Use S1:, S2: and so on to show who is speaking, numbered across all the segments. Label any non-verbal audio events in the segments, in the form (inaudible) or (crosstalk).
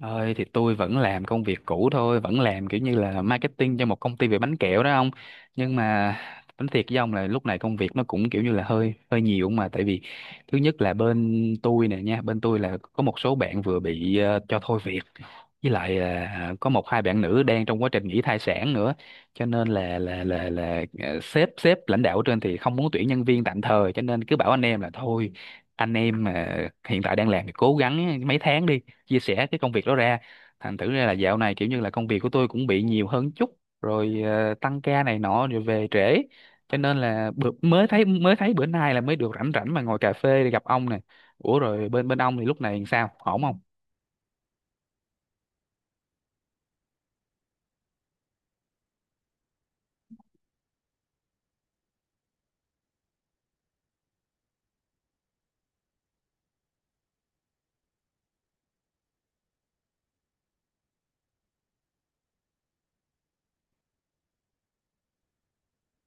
S1: Ơi thì tôi vẫn làm công việc cũ thôi, vẫn làm kiểu như là marketing cho một công ty về bánh kẹo đó ông. Nhưng mà tính thiệt với ông là lúc này công việc nó cũng kiểu như là hơi hơi nhiều, mà tại vì thứ nhất là bên tôi nè nha, bên tôi là có một số bạn vừa bị cho thôi việc, với lại có một hai bạn nữ đang trong quá trình nghỉ thai sản nữa, cho nên sếp sếp lãnh đạo ở trên thì không muốn tuyển nhân viên tạm thời, cho nên cứ bảo anh em là thôi, anh em mà hiện tại đang làm thì cố gắng mấy tháng đi, chia sẻ cái công việc đó ra. Thành thử ra là dạo này kiểu như là công việc của tôi cũng bị nhiều hơn chút rồi, tăng ca này nọ rồi về trễ, cho nên là mới thấy bữa nay là mới được rảnh rảnh mà ngồi cà phê để gặp ông nè. Ủa rồi bên bên ông thì lúc này sao, ổn không?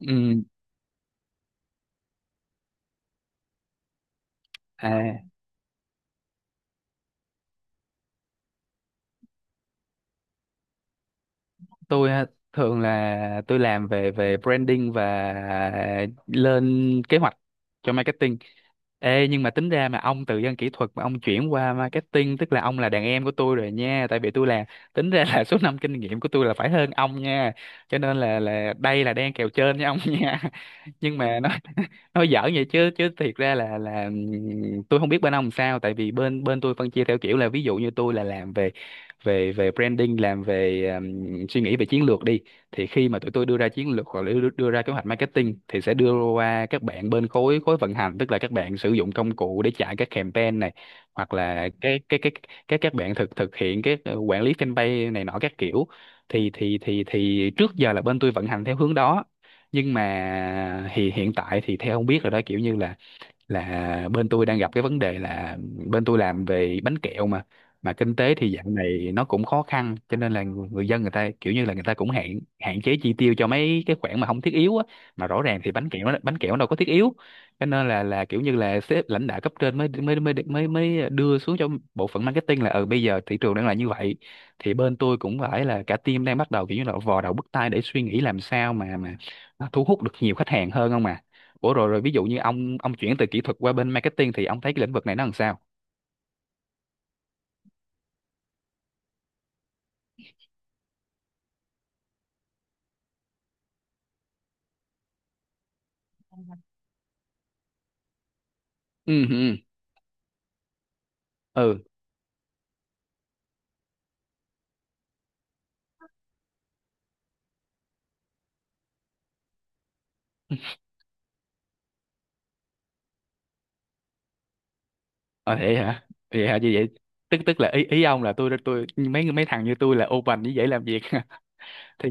S1: Ừ, à, tôi á, thường là tôi làm về về branding và lên kế hoạch cho marketing. Ê, nhưng mà tính ra mà ông từ dân kỹ thuật mà ông chuyển qua marketing, tức là ông là đàn em của tôi rồi nha, tại vì tôi là, tính ra là (laughs) số năm kinh nghiệm của tôi là phải hơn ông nha, cho nên là đây là đang kèo trên với ông nha. (laughs) Nhưng mà nói, (laughs) nói giỡn vậy chứ, chứ thiệt ra là tôi không biết bên ông sao, tại vì bên bên tôi phân chia theo kiểu là ví dụ như tôi là làm về về về branding, làm về suy nghĩ về chiến lược đi, thì khi mà tụi tôi đưa ra chiến lược hoặc là đưa ra kế hoạch marketing thì sẽ đưa qua các bạn bên khối khối vận hành, tức là các bạn sử dụng công cụ để chạy các campaign này, hoặc là cái các bạn thực thực hiện cái quản lý fanpage này nọ các kiểu. Thì trước giờ là bên tôi vận hành theo hướng đó, nhưng mà thì hiện tại thì theo không biết rồi đó, kiểu như là bên tôi đang gặp cái vấn đề là bên tôi làm về bánh kẹo, mà kinh tế thì dạo này nó cũng khó khăn, cho nên là người dân người ta kiểu như là người ta cũng hạn hạn chế chi tiêu cho mấy cái khoản mà không thiết yếu á. Mà rõ ràng thì bánh kẹo nó đâu có thiết yếu, cho nên là kiểu như là sếp lãnh đạo cấp trên mới mới mới mới mới đưa xuống cho bộ phận marketing là, ừ bây giờ thị trường đang là như vậy thì bên tôi cũng phải là cả team đang bắt đầu kiểu như là vò đầu bứt tai để suy nghĩ làm sao mà nó thu hút được nhiều khách hàng hơn không à. Ủa rồi rồi ví dụ như ông chuyển từ kỹ thuật qua bên marketing thì ông thấy cái lĩnh vực này nó làm sao? Ừ ừ ừ ờ Vậy hả? Vậy hả, như vậy tức tức là ý ý ông là tôi mấy mấy thằng như tôi là open như vậy làm việc. (laughs) Thì,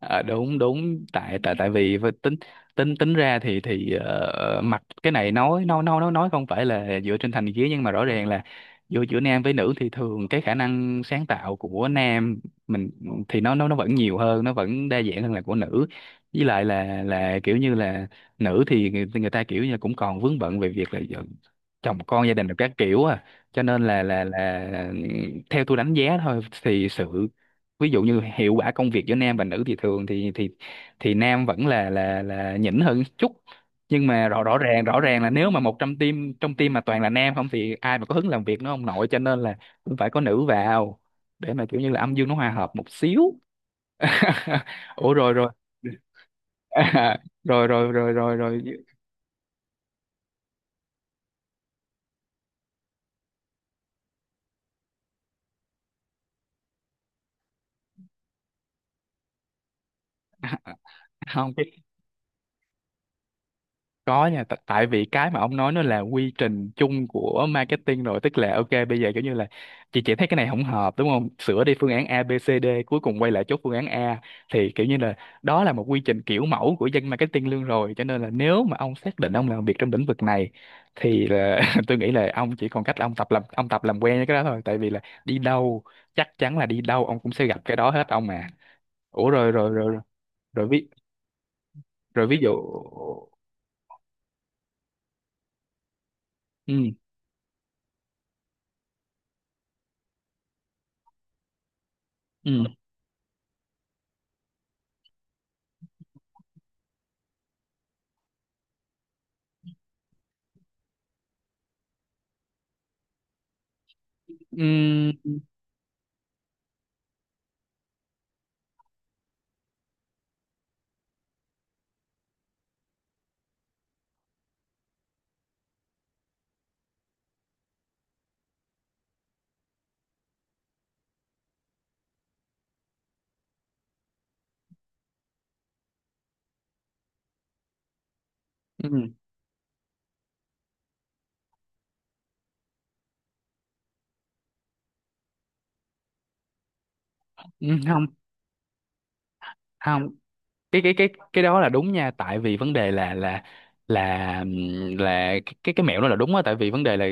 S1: ờ, đúng đúng, tại tại tại vì với tính tính tính ra thì mặt cái này nói không phải là dựa trên thành kiến, nhưng mà rõ ràng là giữa giữa nam với nữ thì thường cái khả năng sáng tạo của nam mình thì nó vẫn nhiều hơn, nó vẫn đa dạng hơn là của nữ. Với lại là kiểu như là nữ thì người ta kiểu như cũng còn vướng bận về việc là chồng con gia đình được các kiểu à, cho nên theo tôi đánh giá thôi thì sự, ví dụ như hiệu quả công việc giữa nam và nữ thì thường thì nam vẫn là nhỉnh hơn chút. Nhưng mà rõ rõ ràng là nếu mà một trong team mà toàn là nam không thì ai mà có hứng làm việc, nó không nội, cho nên là cũng phải có nữ vào để mà kiểu như là âm dương nó hòa hợp một xíu. (laughs) Ủa rồi rồi, (laughs) rồi rồi rồi rồi rồi không. Có nha, tại vì cái mà ông nói nó là quy trình chung của marketing rồi, tức là ok bây giờ kiểu như là chị thấy cái này không hợp đúng không? Sửa đi phương án A, B, C, D, cuối cùng quay lại chốt phương án A, thì kiểu như là đó là một quy trình kiểu mẫu của dân marketing luôn rồi, cho nên là nếu mà ông xác định ông làm việc trong lĩnh vực này thì là (laughs) tôi nghĩ là ông chỉ còn cách là ông tập làm quen với cái đó thôi, tại vì là đi đâu, chắc chắn là đi đâu ông cũng sẽ gặp cái đó hết ông mà. Ủa rồi rồi rồi rồi ví dụ. Ừ ừ ừ. Ừ, ừ, không không, cái đó là đúng nha, tại vì vấn đề là là cái mẹo đó là đúng á, tại vì vấn đề là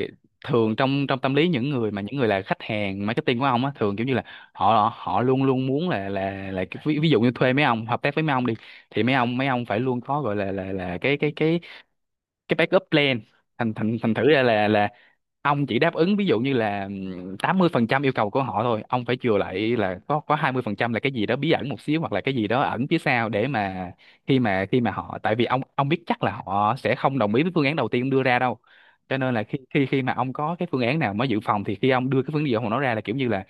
S1: thường trong trong tâm lý những người là khách hàng marketing của ông á thường kiểu như là họ họ luôn luôn muốn là ví dụ như thuê mấy ông hợp tác với mấy ông đi thì mấy ông phải luôn có gọi là cái backup plan. Thành thành thành thử ra là ông chỉ đáp ứng ví dụ như là 80% yêu cầu của họ thôi, ông phải chừa lại là có 20% là cái gì đó bí ẩn một xíu, hoặc là cái gì đó ẩn phía sau để mà khi mà họ, tại vì ông biết chắc là họ sẽ không đồng ý với phương án đầu tiên ông đưa ra đâu, cho nên là khi khi khi mà ông có cái phương án nào mới dự phòng thì khi ông đưa cái phương án gì ông nói ra là kiểu như là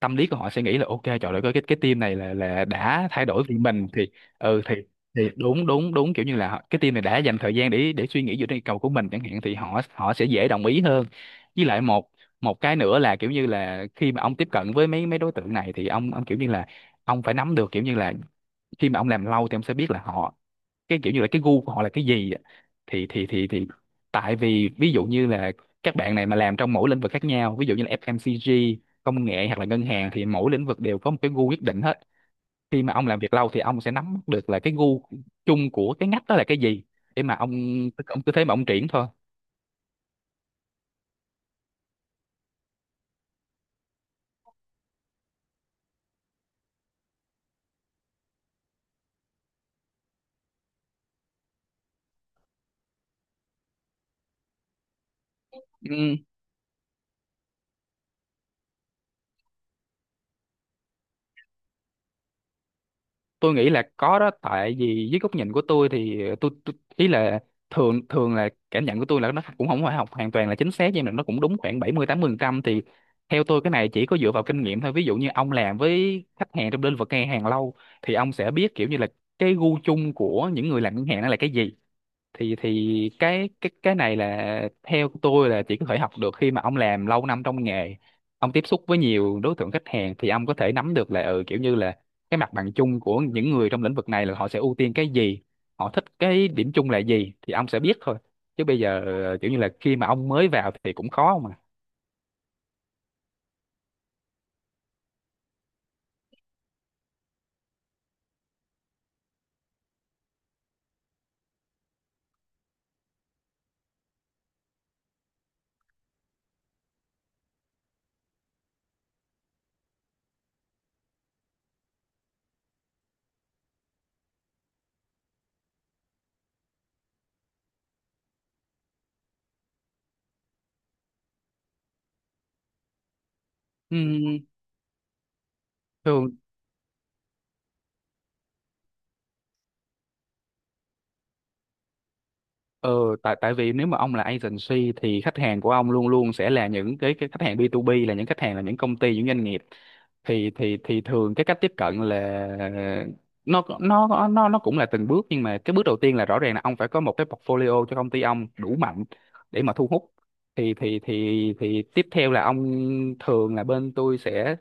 S1: tâm lý của họ sẽ nghĩ là, ok trời ơi cái team này là đã thay đổi vì mình. Thì ừ, thì đúng đúng đúng, kiểu như là cái team này đã dành thời gian để suy nghĩ về cái cầu của mình chẳng hạn, thì họ họ sẽ dễ đồng ý hơn. Với lại một một cái nữa là kiểu như là khi mà ông tiếp cận với mấy mấy đối tượng này thì ông kiểu như là ông phải nắm được kiểu như là khi mà ông làm lâu thì ông sẽ biết là họ, cái kiểu như là cái gu của họ là cái gì á. Thì tại vì ví dụ như là các bạn này mà làm trong mỗi lĩnh vực khác nhau, ví dụ như là FMCG, công nghệ hoặc là ngân hàng, thì mỗi lĩnh vực đều có một cái gu nhất định hết. Khi mà ông làm việc lâu thì ông sẽ nắm bắt được là cái gu chung của cái ngách đó là cái gì, để mà ông cứ thế mà ông triển thôi. Ừ, tôi nghĩ là có đó, tại vì dưới góc nhìn của tôi thì tôi ý là thường thường là cảm nhận của tôi là nó cũng không phải học hoàn toàn là chính xác, nhưng mà nó cũng đúng khoảng bảy mươi tám mươi phần trăm. Thì theo tôi cái này chỉ có dựa vào kinh nghiệm thôi, ví dụ như ông làm với khách hàng trong lĩnh vực ngân hàng lâu thì ông sẽ biết kiểu như là cái gu chung của những người làm ngân hàng nó là cái gì. Thì cái này là theo tôi là chỉ có thể học được khi mà ông làm lâu năm trong nghề, ông tiếp xúc với nhiều đối tượng khách hàng thì ông có thể nắm được là, ừ, kiểu như là cái mặt bằng chung của những người trong lĩnh vực này là họ sẽ ưu tiên cái gì, họ thích cái điểm chung là gì, thì ông sẽ biết thôi. Chứ bây giờ kiểu như là khi mà ông mới vào thì cũng khó mà. Ừ, thường, ờ, tại tại vì nếu mà ông là agency thì khách hàng của ông luôn luôn sẽ là những cái khách hàng B2B, là những khách hàng là những công ty, những doanh nghiệp. Thì thường cái cách tiếp cận là nó cũng là từng bước, nhưng mà cái bước đầu tiên là rõ ràng là ông phải có một cái portfolio cho công ty ông đủ mạnh để mà thu hút. Thì tiếp theo là ông, thường là bên tôi sẽ,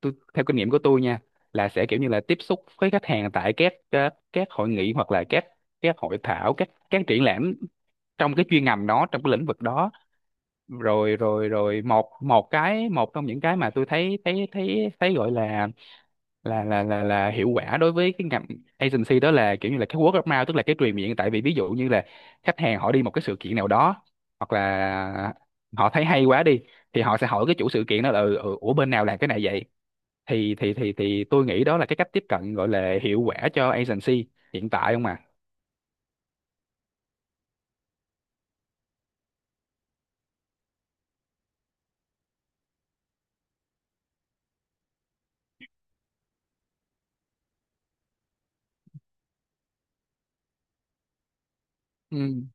S1: tôi theo kinh nghiệm của tôi nha, là sẽ kiểu như là tiếp xúc với khách hàng tại các hội nghị, hoặc là các hội thảo, các triển lãm trong cái chuyên ngành đó, trong cái lĩnh vực đó. Rồi rồi rồi một một cái, một trong những cái mà tôi thấy thấy thấy thấy gọi là là hiệu quả đối với cái ngành agency, đó là kiểu như là cái word of mouth, tức là cái truyền miệng. Tại vì ví dụ như là khách hàng họ đi một cái sự kiện nào đó, hoặc là họ thấy hay quá đi, thì họ sẽ hỏi cái chủ sự kiện đó là, ủa bên nào làm cái này vậy? Thì tôi nghĩ đó là cái cách tiếp cận gọi là hiệu quả cho agency hiện tại không à. Ừ,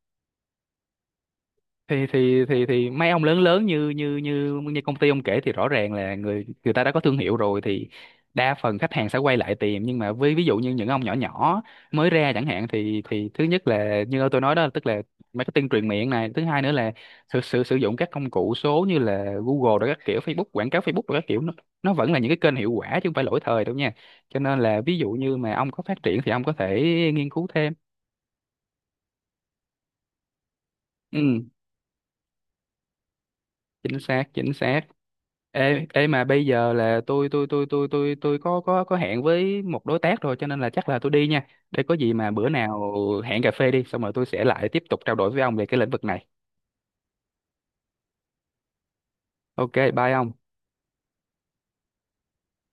S1: thì mấy ông lớn lớn như như như như công ty ông kể thì rõ ràng là người người ta đã có thương hiệu rồi thì đa phần khách hàng sẽ quay lại tìm. Nhưng mà với ví dụ như những ông nhỏ nhỏ mới ra chẳng hạn thì thứ nhất là như tôi nói đó, tức là marketing truyền miệng này. Thứ hai nữa là thực sự sử dụng các công cụ số như là Google rồi các kiểu, Facebook, quảng cáo Facebook rồi các kiểu, nó vẫn là những cái kênh hiệu quả chứ không phải lỗi thời đâu nha. Cho nên là ví dụ như mà ông có phát triển thì ông có thể nghiên cứu thêm. Ừ, chính xác chính xác. Ê, ê, mà bây giờ là tôi có có hẹn với một đối tác rồi, cho nên là chắc là tôi đi nha. Để có gì mà bữa nào hẹn cà phê đi xong rồi tôi sẽ lại tiếp tục trao đổi với ông về cái lĩnh vực này. Ok, bye ông.